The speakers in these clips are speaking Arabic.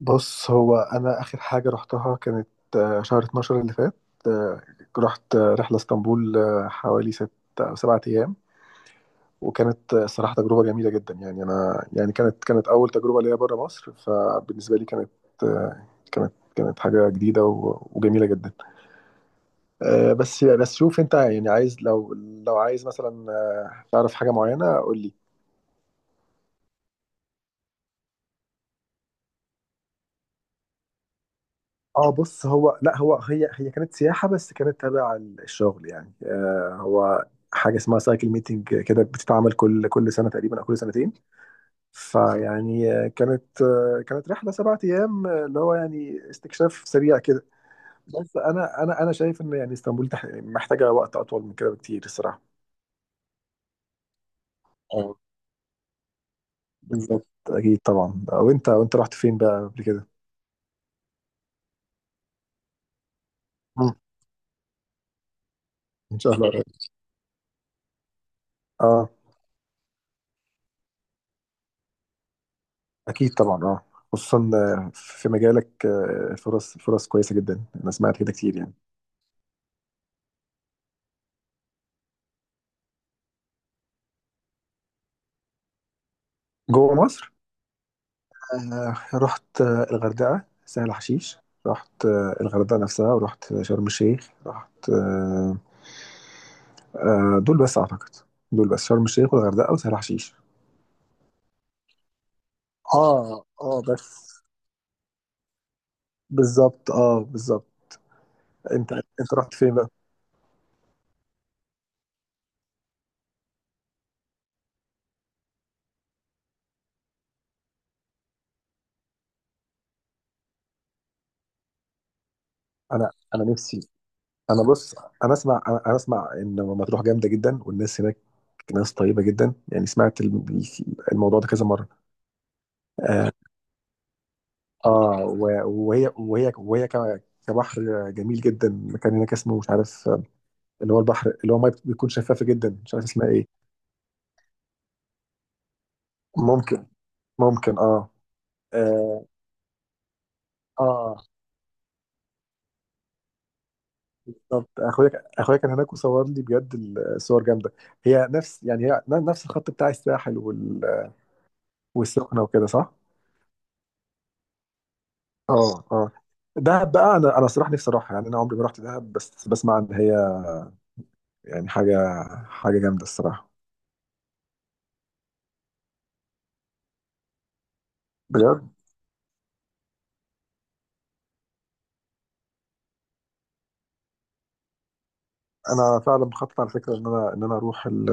بص، هو انا اخر حاجه رحتها كانت شهر 12 اللي فات. آه، رحت رحله اسطنبول، حوالي ست او سبعة ايام. وكانت الصراحه تجربه جميله جدا، يعني انا يعني كانت اول تجربه ليا بره مصر، فبالنسبه لي كانت آه، كانت حاجه جديده وجميله جدا. بس شوف انت يعني عايز، لو عايز مثلا تعرف حاجه معينه قول لي. اه بص، لا، هو هي هي كانت سياحة بس كانت تابع الشغل، يعني آه هو حاجة اسمها سايكل ميتنج كده، بتتعمل كل سنة تقريبا، أو كل سنتين. فيعني كانت كانت رحلة سبعة أيام، اللي هو يعني استكشاف سريع كده. بس أنا شايف إن يعني اسطنبول محتاجة وقت أطول من كده بكتير الصراحة. اه بالظبط أكيد طبعا. وأنت رحت فين بقى قبل كده؟ مم. إن شاء الله قريب. اه اكيد طبعا، اه، خصوصا في مجالك فرص كويسه جدا، انا سمعت كده كتير يعني. جوه مصر. رحت الغردقه، سهل حشيش. رحت الغردقه نفسها، ورحت شرم الشيخ، رحت دول بس اعتقد. دول بس شرم الشيخ والغردقه وسهل حشيش. اه اه، بس. بالظبط، اه، بالظبط. انت رحت فين بقى؟ انا نفسي. انا بص، انا اسمع ان مطروح جامده جدا، والناس هناك ناس طيبه جدا، يعني سمعت الموضوع ده كذا مره. اه. آه، و- وهي كبحر جميل جدا. مكان هناك اسمه مش عارف اللي هو البحر، اللي هو ميه بتكون شفافه جدا، مش عارف اسمها ايه. ممكن ممكن، اه اه. آه، بالظبط. اخويا كان هناك وصور لي، بجد الصور جامده. هي نفس، يعني هي نفس الخط بتاع الساحل والسخنه وكده، صح؟ اه اه. دهب بقى، انا صراحه نفسي اروحها يعني، انا عمري ما رحت دهب، بس بسمع ان هي يعني حاجه جامده الصراحه. بجد، انا فعلا بخطط على فكره ان انا اروح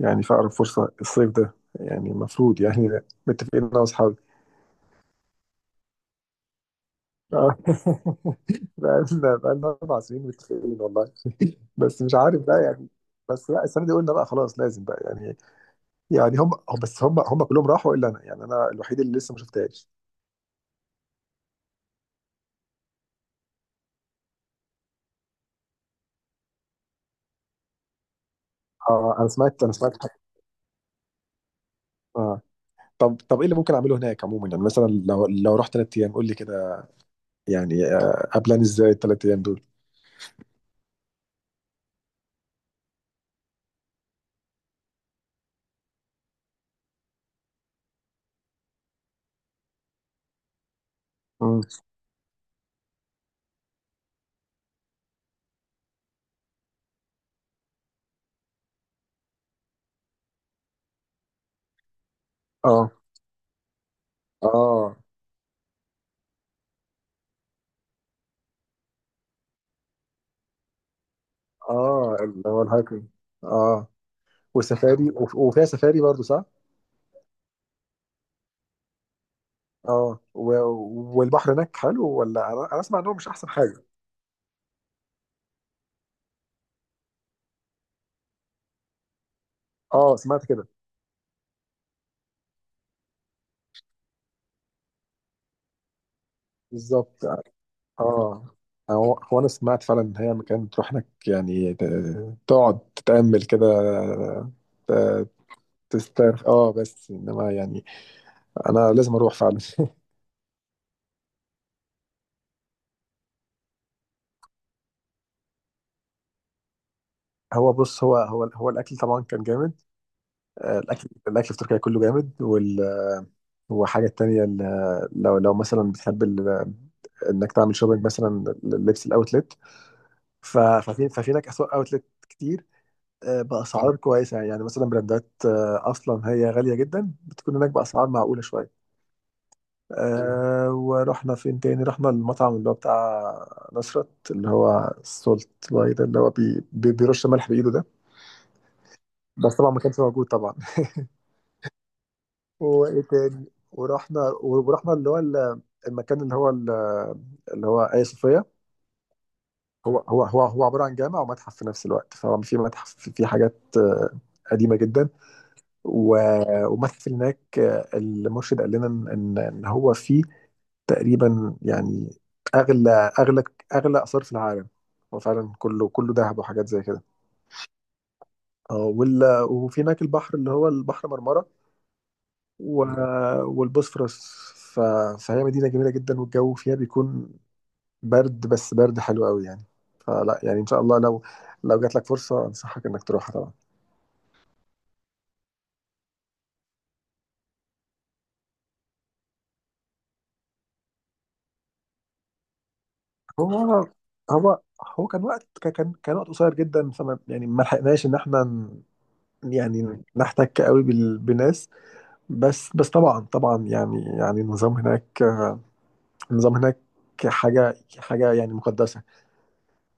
يعني في اقرب فرصه، الصيف ده يعني، المفروض يعني، متفقين انا واصحابي. آه. بقالنا اربع سنين متفقين والله. بس مش عارف بقى يعني. بس لا، السنه دي قلنا بقى خلاص لازم بقى يعني. يعني بس هم كلهم راحوا الا انا، يعني انا الوحيد اللي لسه ما شفتهاش. اه، انا سمعت حاجه. طب ايه اللي ممكن اعمله هناك عموما؟ يعني مثلا لو رحت ثلاث ايام قول لي كده، يعني ابلان ازاي الثلاث ايام دول؟ مم. اه اه اه، اللي هو الهايكنج. اه. وسفاري وفيها سفاري برضو، صح؟ اه. والبحر هناك حلو، ولا انا اسمع ان هو مش احسن حاجه؟ اه، سمعت كده. بالظبط، اه. آه، هو انا سمعت فعلا ان هي مكان تروح هناك يعني تقعد تتامل كده، ت- تسترخي، اه، بس انما يعني انا لازم اروح فعلا. هو بص، هو الاكل طبعا كان جامد. الاكل في تركيا كله جامد، والحاجه التانيه لو مثلا بتحب انك تعمل شوبينج مثلا، لبس الاوتلت. ففي لك اسواق اوتلت كتير، باسعار كويسه، يعني مثلا براندات اصلا هي غاليه جدا بتكون هناك باسعار معقوله شويه. ورحنا فين تاني؟ رحنا المطعم اللي هو بتاع نصرت، اللي هو السولت باي ده، اللي هو بيرش ملح بايده ده. بس طبعا ما كانش موجود طبعا. وايه تاني؟ ورحنا اللي هو المكان، اللي هو اللي هو آية صوفيا. هو عبارة عن جامع ومتحف في نفس الوقت. فهو في متحف في حاجات قديمة جدا، ومتحف. اللي هناك المرشد قال لنا ان إن هو فيه تقريبا يعني اغلى اغلى اغلى اثار في العالم. هو فعلا كله ذهب وحاجات زي كده. اه، وفي هناك البحر، اللي هو البحر مرمرة، و... والبوسفورس. ف... فهي مدينة جميلة جدا، والجو فيها بيكون برد، بس برد حلو قوي يعني. فلا، يعني إن شاء الله لو جات لك فرصة أنصحك إنك تروحها طبعا. هو هو هو كان وقت، كان وقت قصير جدا، فما يعني ما لحقناش إن إحنا يعني نحتك قوي بالناس. بس طبعا يعني النظام هناك، النظام هناك حاجة يعني مقدسة.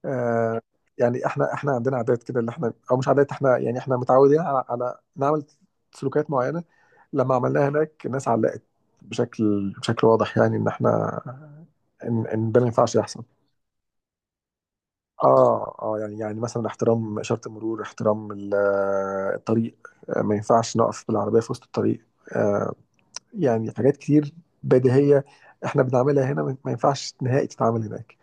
آه. يعني احنا عندنا عادات كده اللي احنا، او مش عادات، احنا يعني احنا متعودين على، على نعمل سلوكات معينه. لما عملناها هناك الناس علقت بشكل واضح، يعني ان احنا، ان ده ما ينفعش يحصل. اه اه. يعني مثلا احترام اشاره المرور، احترام الطريق، ما ينفعش نقف بالعربيه في وسط الطريق. آه، يعني حاجات كتير بديهيه احنا بنعملها هنا، ما ينفعش نهائي تتعمل هناك.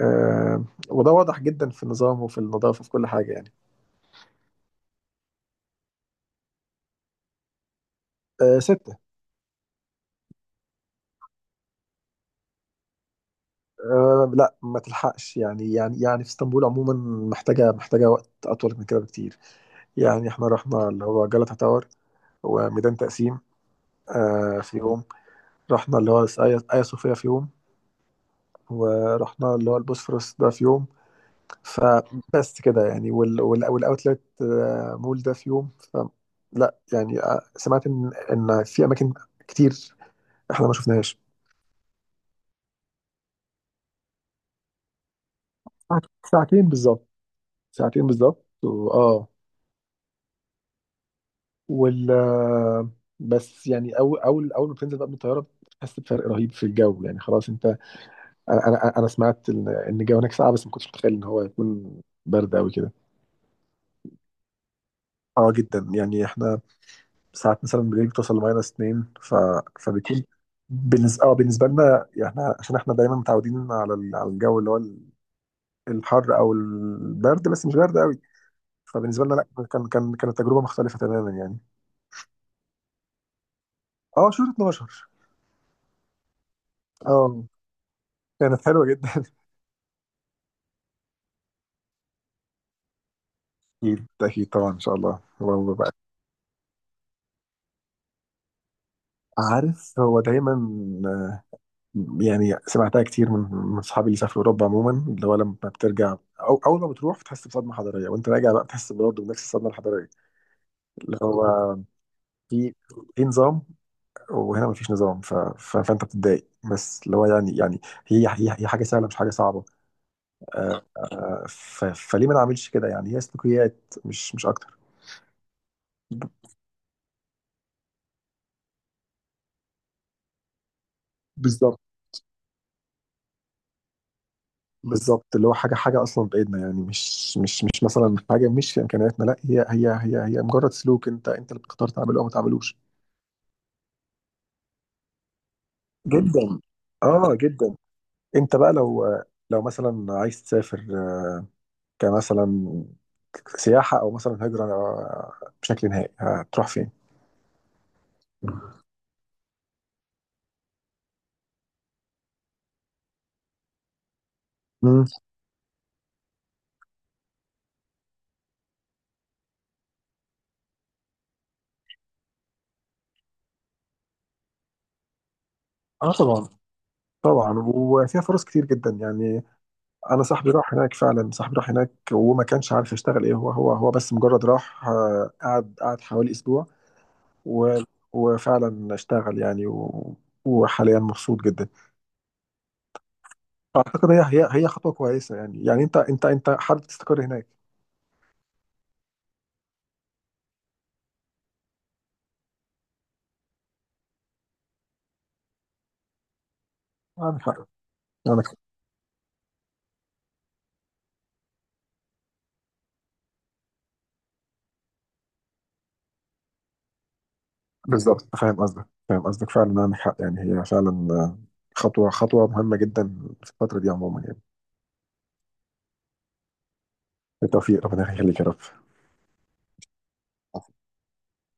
آه، وده واضح جدا في النظام، وفي النظافه، وفي كل حاجه يعني. آه، ستة. آه لا، ما تلحقش يعني، يعني في اسطنبول عموما، محتاجة وقت أطول من كده بكتير. يعني احنا رحنا اللي هو جلطة تاور وميدان تقسيم آه في يوم، رحنا اللي هو آيا صوفيا في يوم، ورحنا اللي هو البوسفورس ده في يوم. فبس كده يعني. والأوتلت آه مول ده في يوم. فلا، يعني آه، سمعت إن في أماكن كتير احنا ما شفناهاش. ساعتين بالظبط، ساعتين بالظبط. وآه، وال بس يعني اول ما بتنزل بقى من الطياره بتحس بفرق رهيب في الجو، يعني خلاص انت. انا سمعت إن الجو هناك ساقع، بس ما كنتش متخيل ان هو هيكون برد قوي كده. اه، جدا يعني. احنا ساعات مثلا بالليل بتوصل لماينس 2. فبيكون بالنسبه لنا يعني، احنا عشان احنا دايما متعودين على على الجو اللي هو الحر او البرد، بس مش برد قوي. فبالنسبه لنا لا، كانت تجربه مختلفه تماما يعني. اه، شهر 12. اه، كانت حلوه جدا. أكيد طبعا، إن شاء الله، اللهم بارك. عارف، هو دايما آه، يعني سمعتها كتير من أصحابي اللي سافروا أوروبا عموما، اللي هو لما بترجع أو أول ما بتروح بتحس بصدمة حضارية. وأنت راجع بقى بتحس برضه بنفس الصدمة الحضارية، اللي هو في في نظام وهنا مفيش نظام، فأنت بتتضايق، بس اللي هو يعني، هي حاجة سهلة، مش حاجة صعبة. آه، فليه ما نعملش كده يعني؟ هي سلوكيات مش أكتر. ب- بالظبط بالظبط، اللي هو حاجه اصلا بايدنا، يعني مش مثلا حاجه مش في امكانياتنا. لا، هي مجرد سلوك، انت اللي بتختار تعمله او ما تعملوش. جدا، اه جدا. انت بقى لو مثلا عايز تسافر، كمثلا سياحه او مثلا هجره بشكل نهائي، هتروح فين؟ مم. اه، طبعا. طبعا، وفيها فرص كتير جدا يعني. انا صاحبي راح هناك فعلا، صاحبي راح هناك وما كانش عارف يشتغل ايه، هو بس مجرد راح قعد حوالي اسبوع، و... وفعلا اشتغل يعني، وحاليا مبسوط جدا. اعتقد هي خطوه كويسه، يعني انت حابب تستقر هناك. عندك حق. عندك حق. بالظبط. فاهم قصدك فعلا، عندك حق يعني، هي فعلا خطوه مهمه جدا في الفتره دي عموما يعني. بالتوفيق، ربنا يخليك يا رب.